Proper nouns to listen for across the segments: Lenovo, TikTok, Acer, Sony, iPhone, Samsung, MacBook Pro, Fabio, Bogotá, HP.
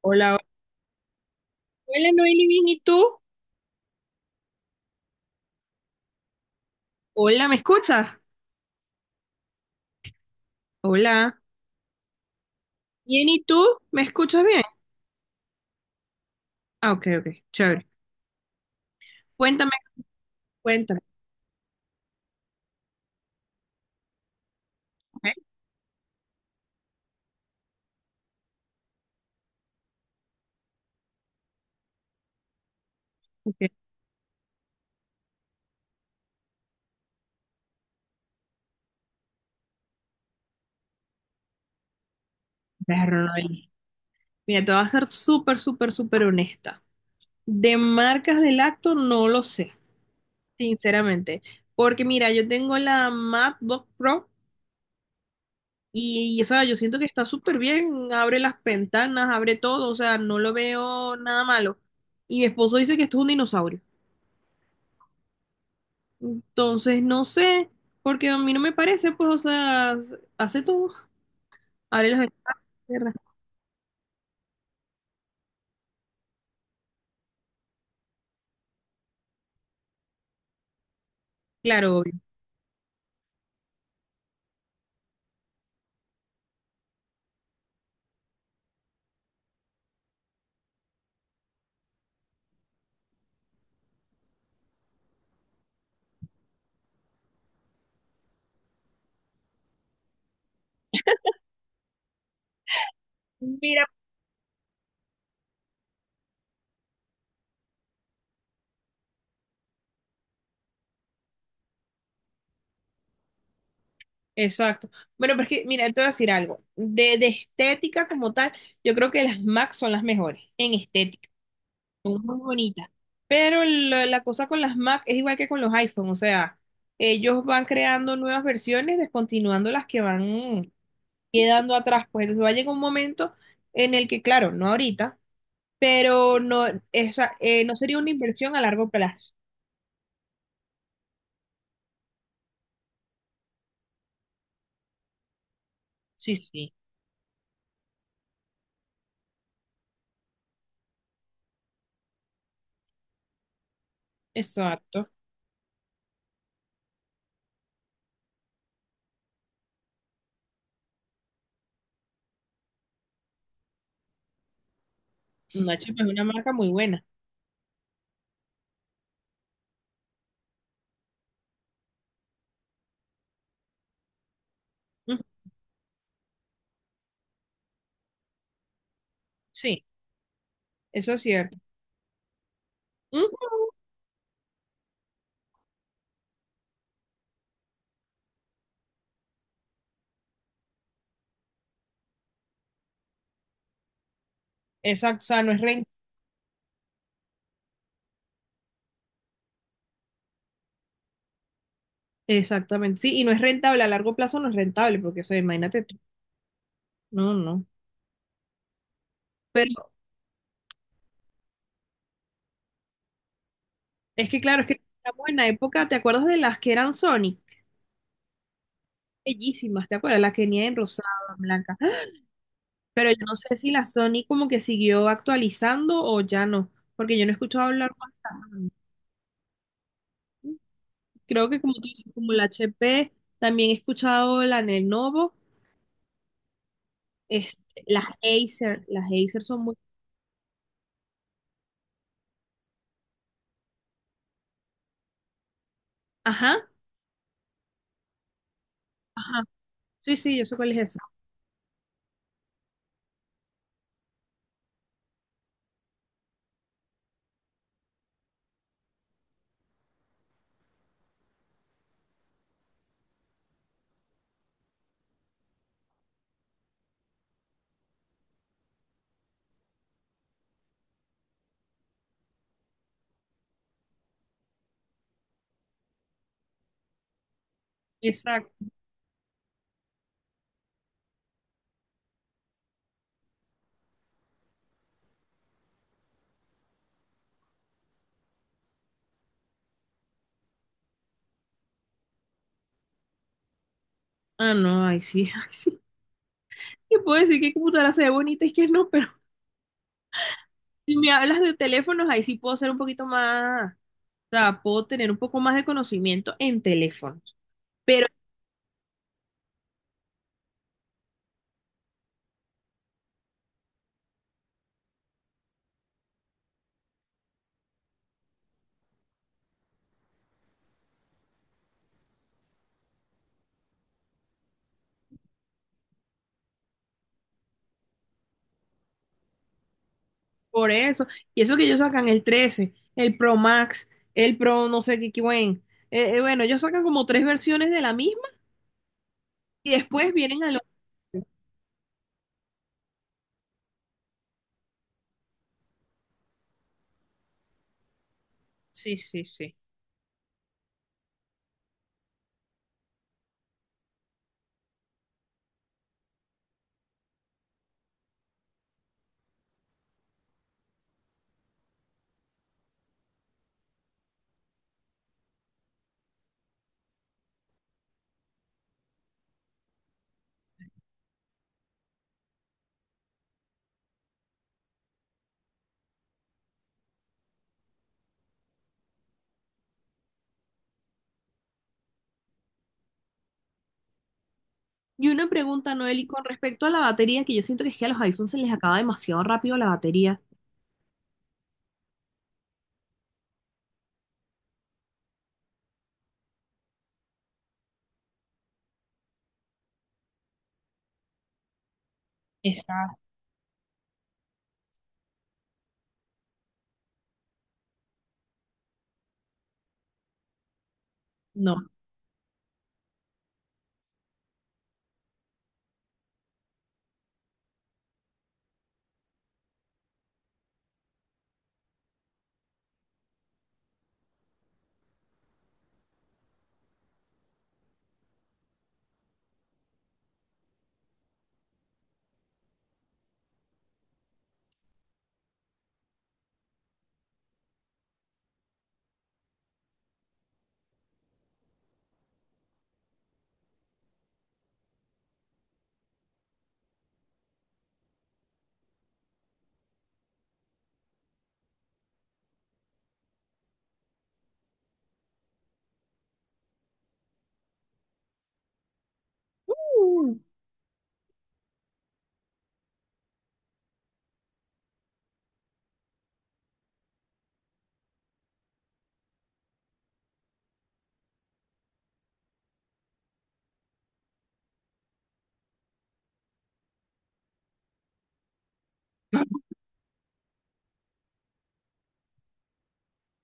Hola, hola Noeli, bien, ¿y tú? Hola, ¿me escuchas? Hola, bien, ¿y tú? ¿Me escuchas bien? Ah, ok, ok, chévere. Cuéntame, cuéntame, ok, ok. Perro, Noeli. Mira, te voy a ser súper, súper, súper honesta. De marcas de lacto no lo sé, sinceramente. Porque mira, yo tengo la MacBook Pro, o sea, yo siento que está súper bien. Abre las ventanas, abre todo, o sea, no lo veo nada malo. Y mi esposo dice que esto es un dinosaurio. Entonces, no sé, porque a mí no me parece, pues, o sea, hace todo. Abre las ventanas. Claro, obvio. Mira, exacto. Bueno, pero es que, mira, te voy a decir algo. De estética como tal, yo creo que las MAC son las mejores en estética. Son muy bonitas. Pero la cosa con las Mac es igual que con los iPhone. O sea, ellos van creando nuevas versiones, descontinuando las que van quedando atrás. Pues entonces va a llegar un momento en el que, claro, no ahorita, pero no, esa, no sería una inversión a largo plazo. Sí, sí, exacto. Nacho es una marca muy buena. Ujú. Sí, eso es cierto. Ujú. Exacto, o sea, no es rentable. Exactamente, sí, y no es rentable, a largo plazo no es rentable, porque, o sea, imagínate tú. No, no. Pero es que, claro, es que estamos en la época, ¿te acuerdas de las que eran Sony? Bellísimas, ¿te acuerdas? Las que venían en rosado, en blanca. ¡Ah! Pero yo no sé si la Sony como que siguió actualizando o ya no, porque yo no he escuchado hablar más. Creo que como tú dices, como la HP, también he escuchado la Lenovo, este, las Acer son muy... Ajá, ajá, sí, sí, yo sé cuál es esa. Exacto. Ah, no, ahí sí, ahí sí. Te puedo decir que computadora se ve bonita y que no, pero si me hablas de teléfonos, ahí sí puedo ser un poquito más, o sea, puedo tener un poco más de conocimiento en teléfonos. Pero por eso, y eso que ellos sacan el 13, el Pro Max, el Pro no sé qué, qué buen. Bueno, ellos sacan como tres versiones de la misma. Y después vienen a los... Sí, sí, sí. Y una pregunta, Noel, y con respecto a la batería, que yo siento que es que a los iPhones se les acaba demasiado rápido la batería. Esa. No. Uh,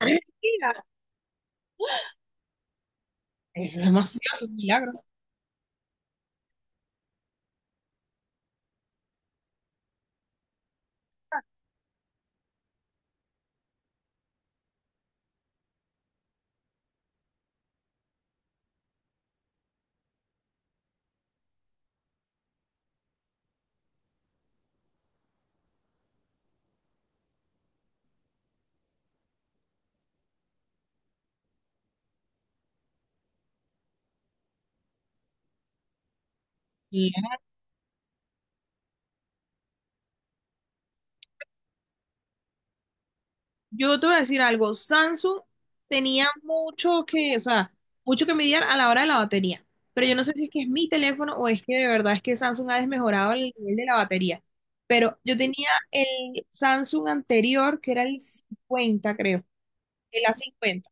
Mentira, es demasiado, es un milagro. Milagro. Yo te voy a decir algo, Samsung tenía mucho que, o sea, mucho que mediar a la hora de la batería, pero yo no sé si es que es mi teléfono o es que de verdad es que Samsung ha desmejorado el nivel de la batería, pero yo tenía el Samsung anterior que era el 50, creo, el A50.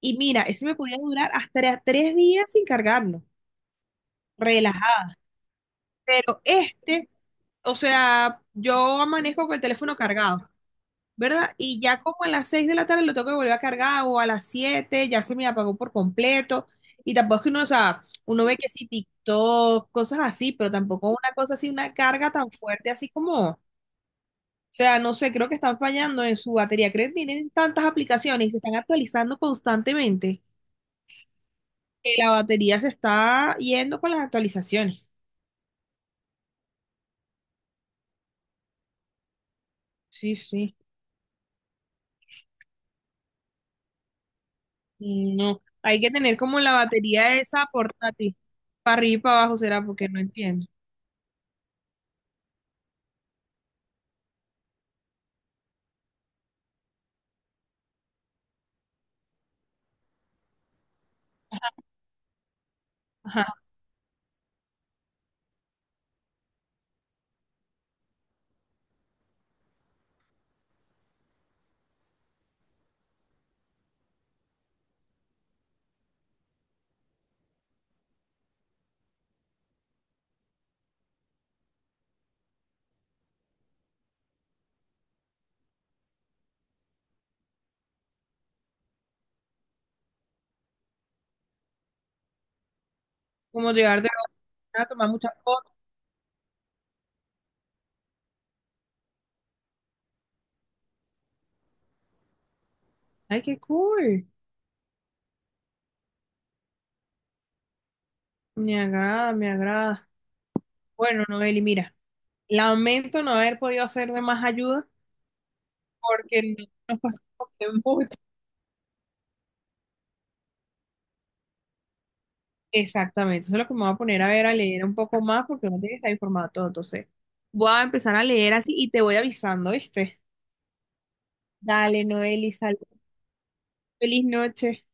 Y mira, ese me podía durar hasta 3 días sin cargarlo, relajado. Pero este, o sea, yo amanezco con el teléfono cargado, ¿verdad? Y ya como a las 6 de la tarde lo tengo que volver a cargar, o a las 7 ya se me apagó por completo. Y tampoco es que uno, o sea, uno ve que sí, TikTok, cosas así, pero tampoco una cosa así, una carga tan fuerte así como, o sea, no sé, creo que están fallando en su batería. Creo que tienen tantas aplicaciones y se están actualizando constantemente, que la batería se está yendo con las actualizaciones. Sí, sí. No, hay que tener como la batería esa portátil. Para arriba y para abajo, será porque no entiendo. Ajá. Como llevar de la a tomar muchas fotos. Ay, qué cool. Me agrada, me agrada. Bueno, Noeli, mira, lamento no haber podido hacerme más ayuda porque no nos pasamos tiempo. Exactamente. Eso es lo que me voy a poner a ver, a leer un poco más porque no tiene que estar informado todo. Entonces, voy a empezar a leer así y te voy avisando, ¿viste? Dale, Noeli, salud. Feliz noche.